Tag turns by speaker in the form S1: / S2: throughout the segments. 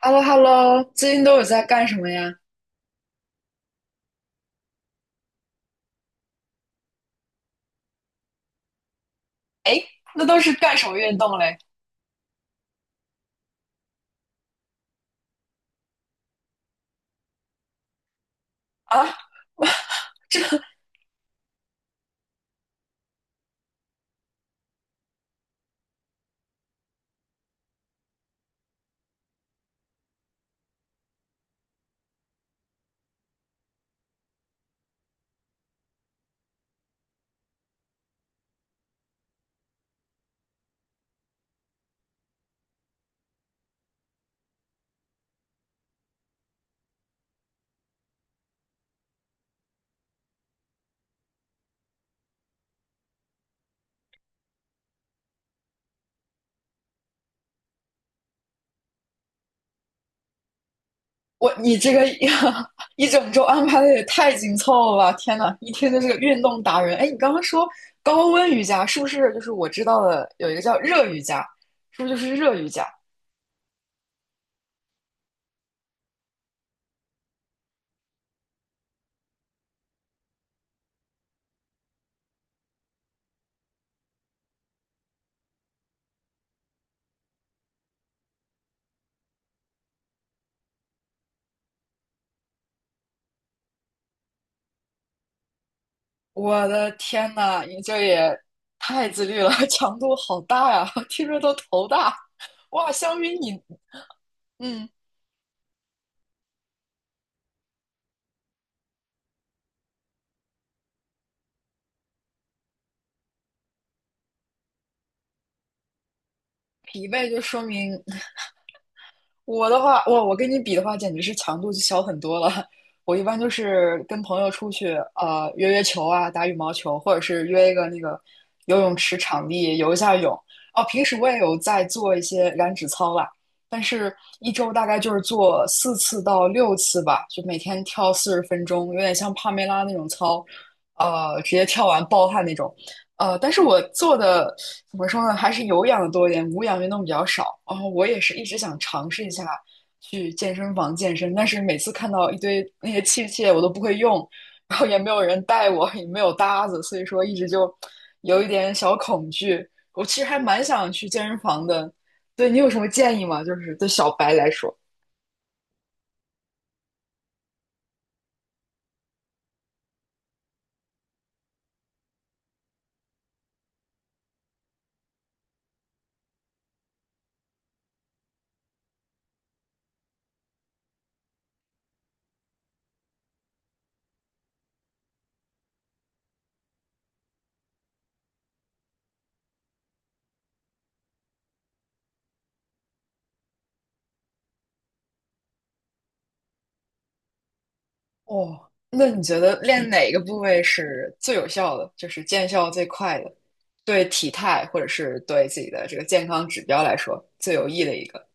S1: h e l l o h e l l o 最近都有在干什么呀？哎，那都是干什么运动嘞？啊，这我你这个 一整周安排的也太紧凑了吧！天呐，一听就是个运动达人。哎，你刚刚说高温瑜伽是不是就是我知道的有一个叫热瑜伽，是不是就是热瑜伽？我的天呐，你这也太自律了，强度好大呀，听着都头大。哇，相比你，嗯，疲惫就说明我的话，我跟你比的话，简直是强度就小很多了。我一般就是跟朋友出去，约约球啊，打羽毛球，或者是约一个那个游泳池场地游一下泳。哦，平时我也有在做一些燃脂操啦，但是一周大概就是做4次到6次吧，就每天跳四十分钟，有点像帕梅拉那种操，直接跳完暴汗那种。但是我做的怎么说呢，还是有氧的多一点，无氧运动比较少。然后我也是一直想尝试一下去健身房健身，但是每次看到一堆那些器械我都不会用，然后也没有人带我，也没有搭子，所以说一直就有一点小恐惧。我其实还蛮想去健身房的，对你有什么建议吗？就是对小白来说，哦，那你觉得练哪个部位是最有效的，就是见效最快的，对体态或者是对自己的这个健康指标来说最有益的一个？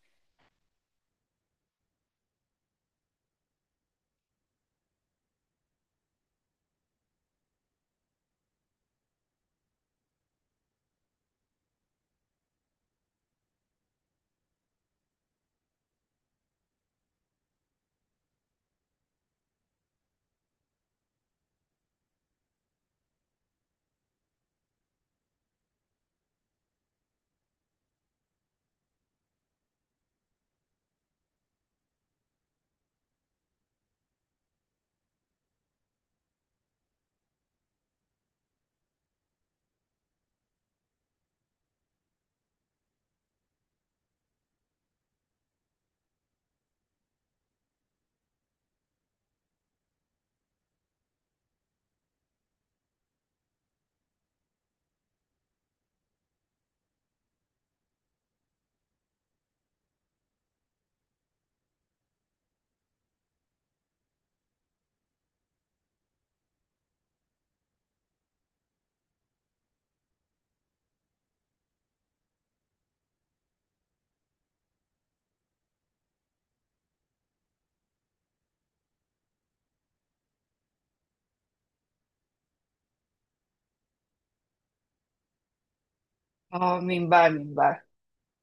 S1: 哦，明白明白。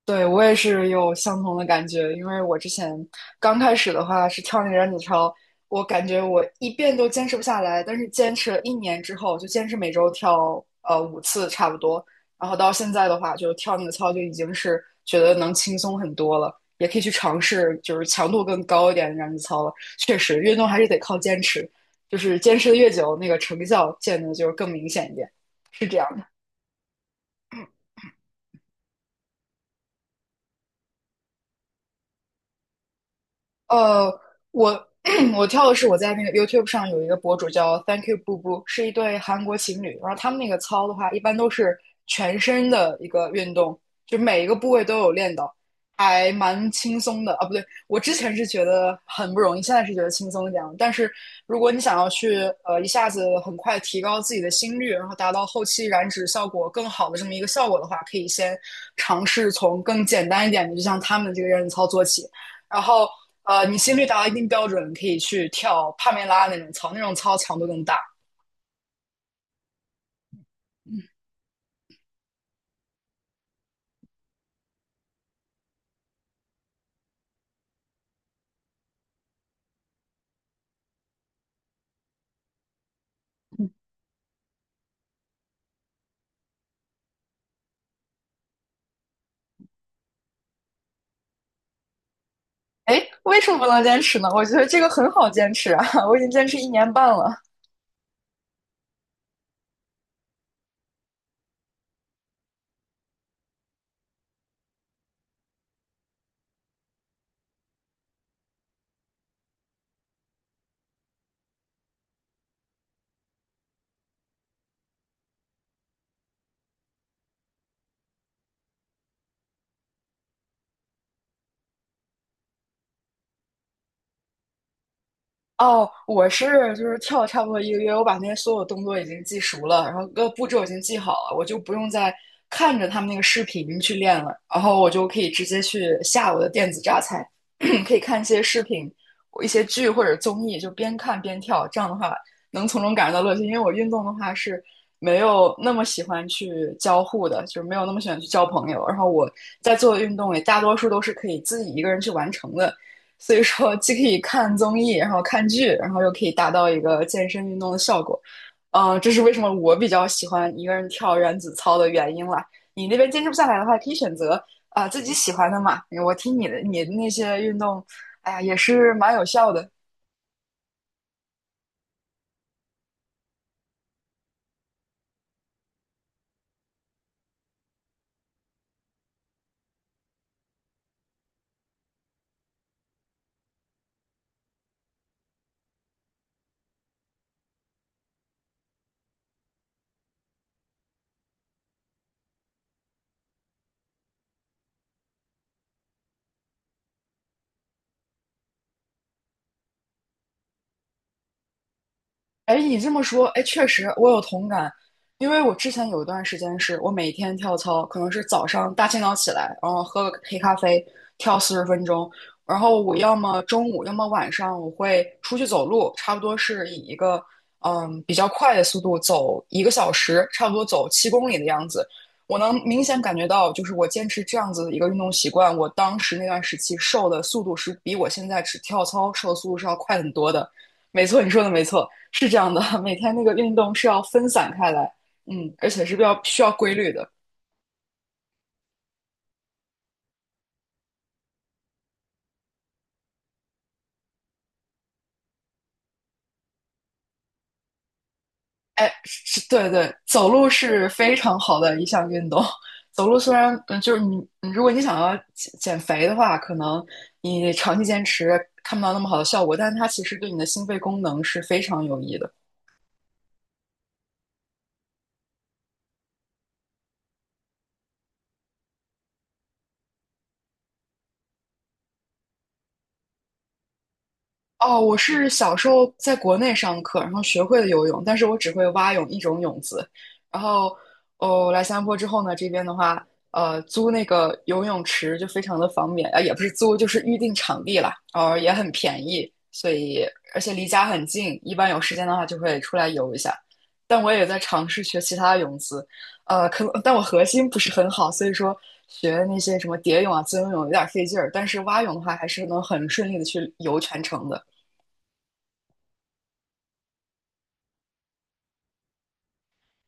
S1: 对，我也是有相同的感觉，因为我之前刚开始的话是跳那个燃脂操，我感觉我一遍都坚持不下来，但是坚持了一年之后，就坚持每周跳5次差不多，然后到现在的话，就跳那个操就已经是觉得能轻松很多了，也可以去尝试就是强度更高一点的燃脂操了。确实，运动还是得靠坚持，就是坚持的越久，那个成效见的就是更明显一点，是这样的。呃，我 我跳的是我在那个 YouTube 上有一个博主叫 Thank You 布布，是一对韩国情侣。然后他们那个操的话，一般都是全身的一个运动，就每一个部位都有练到，还蛮轻松的啊。不对，我之前是觉得很不容易，现在是觉得轻松一点了。但是如果你想要去一下子很快提高自己的心率，然后达到后期燃脂效果更好的这么一个效果的话，可以先尝试从更简单一点的，就像他们这个热身操做起。然后你心率达到一定标准，可以去跳帕梅拉那种操，那种操强度更大。哎，为什么不能坚持呢？我觉得这个很好坚持啊，我已经坚持1年半了。哦，我是就是跳差不多1个月，我把那些所有动作已经记熟了，然后各个步骤已经记好了，我就不用再看着他们那个视频去练了，然后我就可以直接去下我的电子榨菜，可以看一些视频、一些剧或者综艺，就边看边跳，这样的话能从中感受到乐趣。因为我运动的话是没有那么喜欢去交互的，就是没有那么喜欢去交朋友，然后我在做的运动也大多数都是可以自己一个人去完成的。所以说既可以看综艺，然后看剧，然后又可以达到一个健身运动的效果。这是为什么我比较喜欢一个人跳燃脂操的原因啦。你那边坚持不下来的话，可以选择自己喜欢的嘛。我听你的，你的那些运动，哎呀，也是蛮有效的。哎，你这么说，哎，确实我有同感，因为我之前有一段时间是我每天跳操，可能是早上大清早起来，然后喝个黑咖啡，跳四十分钟，然后我要么中午，要么晚上，我会出去走路，差不多是以一个比较快的速度走一个小时，差不多走7公里的样子。我能明显感觉到，就是我坚持这样子的一个运动习惯，我当时那段时期瘦的速度是比我现在只跳操瘦的速度是要快很多的。没错，你说的没错，是这样的。每天那个运动是要分散开来，嗯，而且是比较需要规律的。哎，是，对对，走路是非常好的一项运动。走路虽然，你如果你想要减肥的话，可能你长期坚持看不到那么好的效果，但是它其实对你的心肺功能是非常有益的。哦，我是小时候在国内上课，然后学会了游泳，但是我只会蛙泳一种泳姿。然后，哦，来新加坡之后呢，这边的话，租那个游泳池就非常的方便，啊，也不是租，就是预定场地了，然后也很便宜，所以而且离家很近，一般有时间的话就会出来游一下。但我也在尝试学其他的泳姿，可能但我核心不是很好，所以说学那些什么蝶泳啊、自由泳有点费劲儿，但是蛙泳的话还是能很顺利的去游全程的。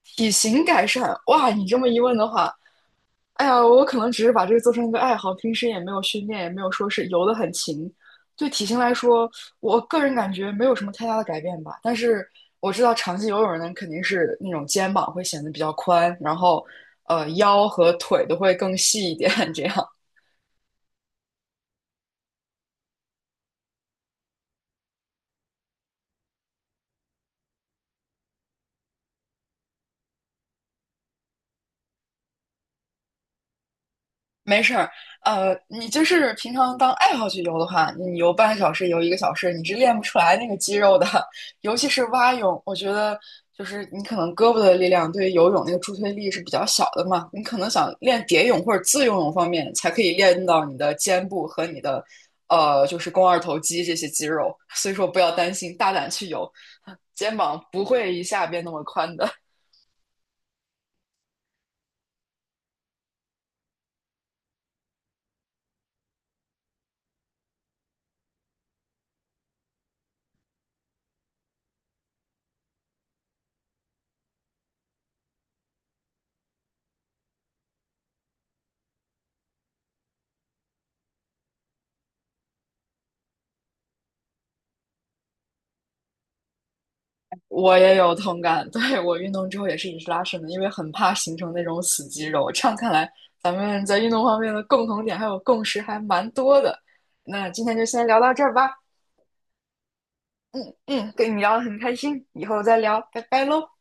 S1: 体型改善，哇！你这么一问的话，哎呀，我可能只是把这个做成一个爱好，平时也没有训练，也没有说是游得很勤。对体型来说，我个人感觉没有什么太大的改变吧。但是我知道长期游泳的人肯定是那种肩膀会显得比较宽，然后腰和腿都会更细一点，这样。没事儿，你就是平常当爱好去游的话，你游半个小时、游一个小时，你是练不出来那个肌肉的。尤其是蛙泳，我觉得就是你可能胳膊的力量对于游泳那个助推力是比较小的嘛，你可能想练蝶泳或者自由泳方面，才可以练到你的肩部和你的就是肱二头肌这些肌肉。所以说不要担心，大胆去游，肩膀不会一下变那么宽的。我也有同感，对，我运动之后也是一直拉伸的，因为很怕形成那种死肌肉。这样看来，咱们在运动方面的共同点还有共识还蛮多的。那今天就先聊到这儿吧。嗯嗯，跟你聊得很开心，以后再聊，拜拜喽。